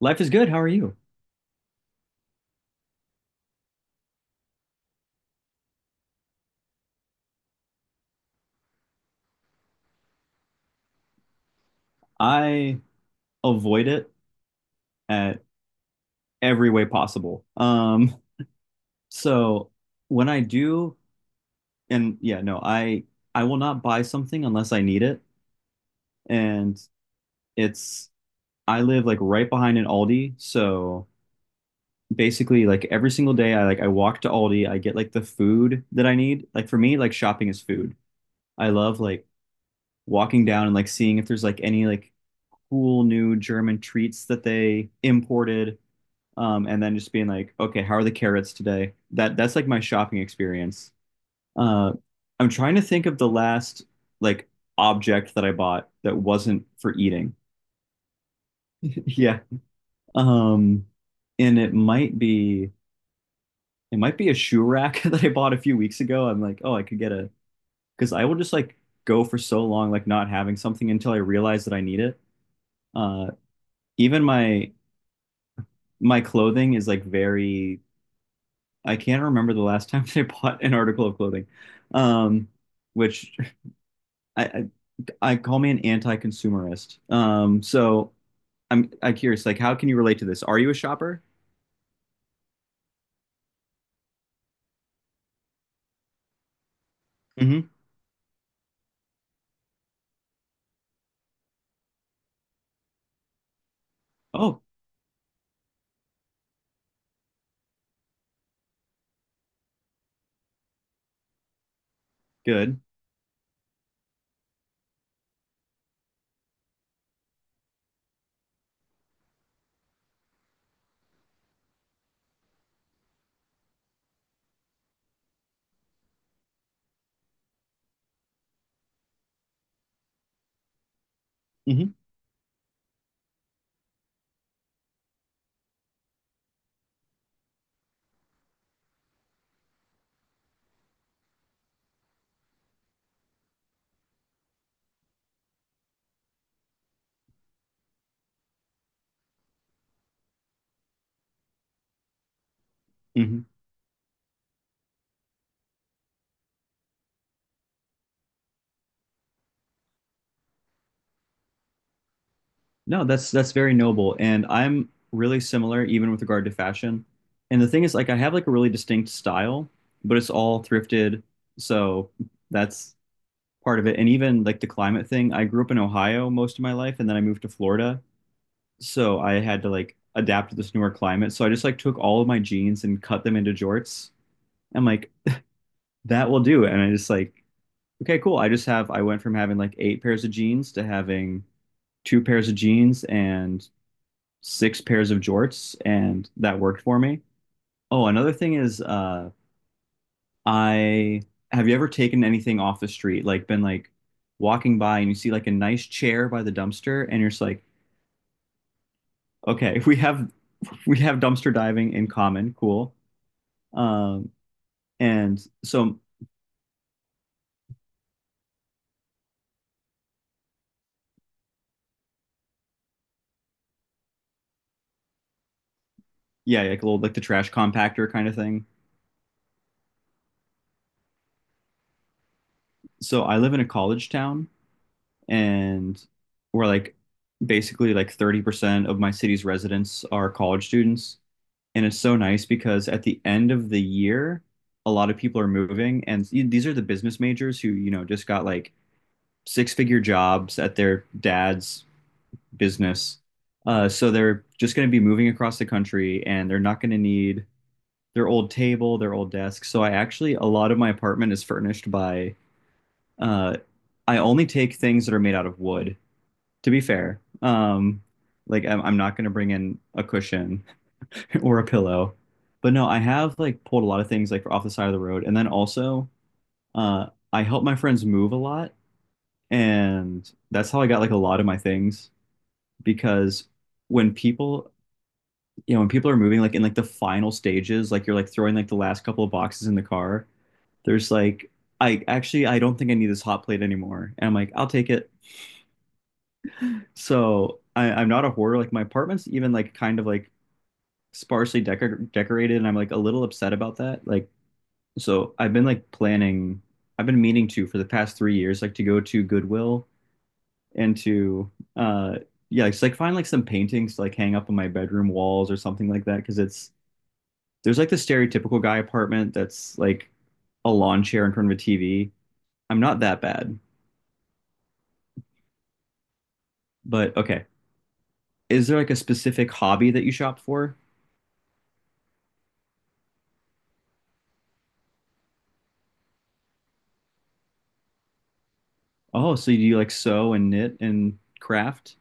Life is good. How are you? I avoid it at every way possible. So when I do, and yeah, no, I will not buy something unless I need it. And it's I live like right behind an Aldi, so basically like every single day I walk to Aldi, I get like the food that I need. Like for me, like shopping is food. I love like walking down and like seeing if there's like any like cool new German treats that they imported, and then just being like, okay, how are the carrots today? That's like my shopping experience. Uh, I'm trying to think of the last like object that I bought that wasn't for eating. Yeah, um, and it might be a shoe rack that I bought a few weeks ago. I'm like, oh, I could get a because I will just like go for so long like not having something until I realize that I need it. Uh, Even my my clothing is like very I can't remember the last time they bought an article of clothing, um, which I, I I call me an anti-consumerist. So I'm curious, like, how can you relate to this? Are you a shopper? Hmm. Oh, good. Hmm. Hmm. No, that's very noble, and I'm really similar, even with regard to fashion. And the thing is, like, I have like a really distinct style, but it's all thrifted, so that's part of it. And even like the climate thing, I grew up in Ohio most of my life, and then I moved to Florida. So I had to like adapt to this newer climate. So I just like took all of my jeans and cut them into jorts. I'm like, that will do. And I just like, okay, cool. I just have I went from having like eight pairs of jeans to having two pairs of jeans and six pairs of jorts, and that worked for me. Oh, another thing is I have you ever taken anything off the street? Like been like walking by and you see like a nice chair by the dumpster and you're just like, okay, we have dumpster diving in common, cool. Um, and so yeah, like a little like the trash compactor kind of thing. So I live in a college town and we're like basically like 30% of my city's residents are college students. And it's so nice because at the end of the year, a lot of people are moving and these are the business majors who, you know, just got like six figure jobs at their dad's business. So they're just going to be moving across the country and they're not going to need their old table, their old desk. So I actually a lot of my apartment is furnished by uh I only take things that are made out of wood, to be fair. Um, like I'm not going to bring in a cushion or a pillow. But no, I have like pulled a lot of things like off the side of the road and then also uh I help my friends move a lot and that's how I got like a lot of my things because when people when people are moving like in like the final stages like you're like throwing like the last couple of boxes in the car there's like I actually I don't think I need this hot plate anymore. And I'm like, I'll take it. So I'm not a hoarder. Like my apartment's even like kind of like sparsely decorated, and I'm like a little upset about that. Like so I've been like planning I've been meaning to for the past 3 years, like to go to Goodwill and to uh yeah, it's like find like some paintings to like hang up on my bedroom walls or something like that. Cause it's there's like the stereotypical guy apartment that's like a lawn chair in front of a TV. I'm not that bad, but okay. Is there like a specific hobby that you shop for? Oh, so you like sew and knit and craft?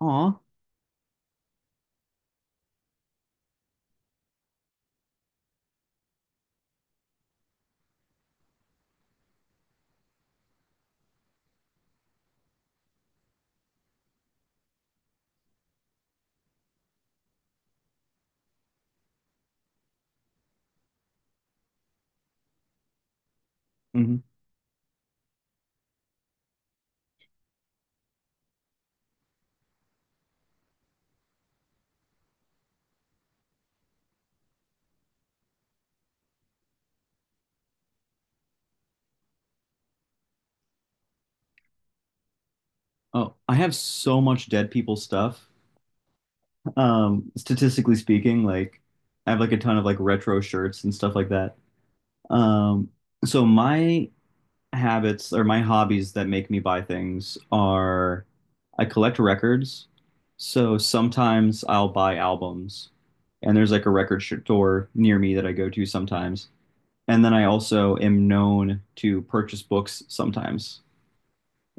Aw. Hmm. Oh, I have so much dead people stuff. Statistically speaking, like I have like a ton of like retro shirts and stuff like that. Um, so my habits or my hobbies that make me buy things are I collect records. So sometimes I'll buy albums, and there's like a record store near me that I go to sometimes. And then I also am known to purchase books sometimes.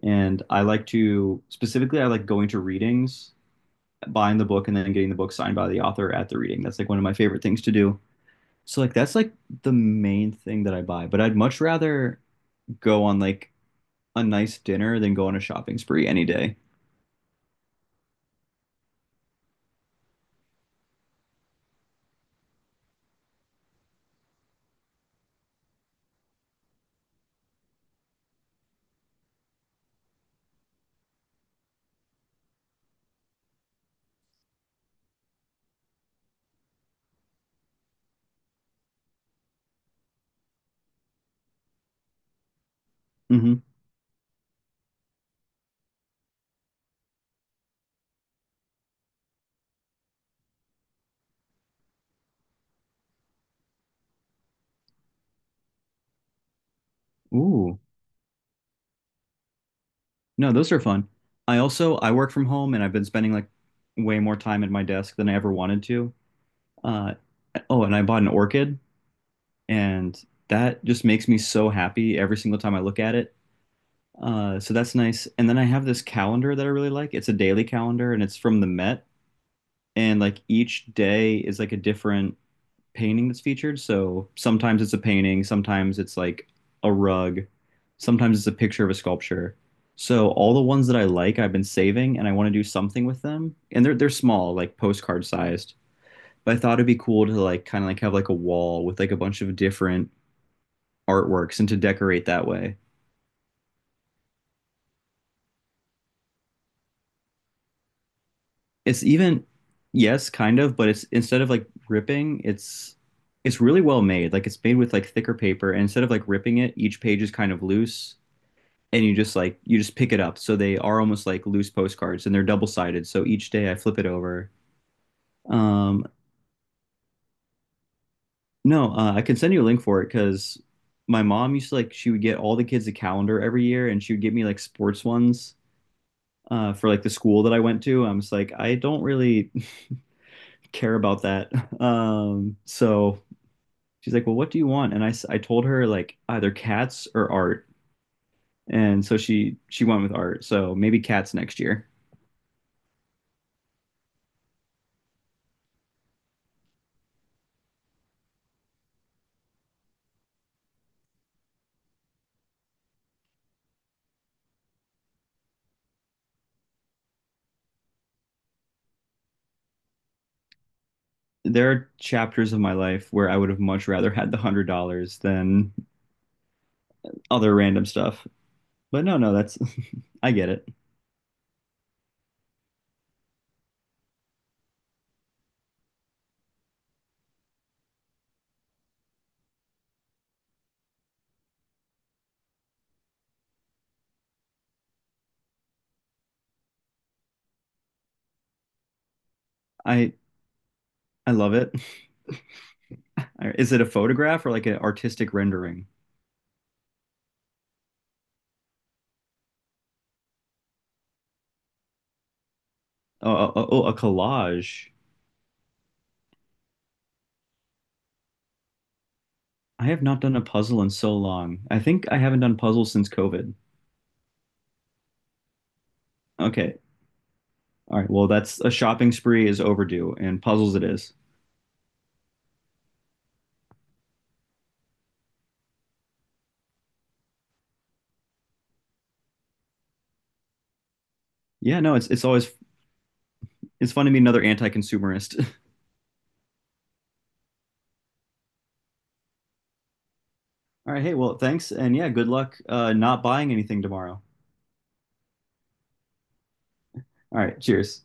And I like to specifically, I like going to readings, buying the book, and then getting the book signed by the author at the reading. That's like one of my favorite things to do. So, like, that's like the main thing that I buy. But I'd much rather go on like a nice dinner than go on a shopping spree any day. Hmm. Ooh, no, those are fun. I also I work from home and I've been spending like way more time at my desk than I ever wanted to. Uh, oh, and I bought an orchid and that just makes me so happy every single time I look at it. So that's nice. And then I have this calendar that I really like. It's a daily calendar, and it's from the Met. And like each day is like a different painting that's featured. So sometimes it's a painting, sometimes it's like a rug, sometimes it's a picture of a sculpture. So all the ones that I like, I've been saving, and I want to do something with them. And they're small, like postcard sized. But I thought it'd be cool to like kind of like have like a wall with like a bunch of different artworks and to decorate that way. It's even yes, kind of, but it's instead of like ripping, it's really well made. Like it's made with like thicker paper and instead of like ripping it, each page is kind of loose and you just like you just pick it up. So they are almost like loose postcards and they're double-sided. So each day I flip it over. Um, no, I can send you a link for it cuz my mom used to like she would get all the kids a calendar every year and she would give me like sports ones, for like the school that I went to. I'm just like I don't really care about that. So she's like, well, what do you want? And I told her like either cats or art. And so she went with art. So maybe cats next year. There are chapters of my life where I would have much rather had the $100 than other random stuff. But no, no, that's I get it. I I love it. Is it a photograph or like an artistic rendering? Oh, a collage. I have not done a puzzle in so long. I think I haven't done puzzles since COVID. Okay, all right. Well, that's a shopping spree is overdue, and puzzles it is. Yeah, no, it's always it's fun to meet another anti-consumerist. All right, hey, well, thanks, and yeah, good luck, not buying anything tomorrow. All right, cheers.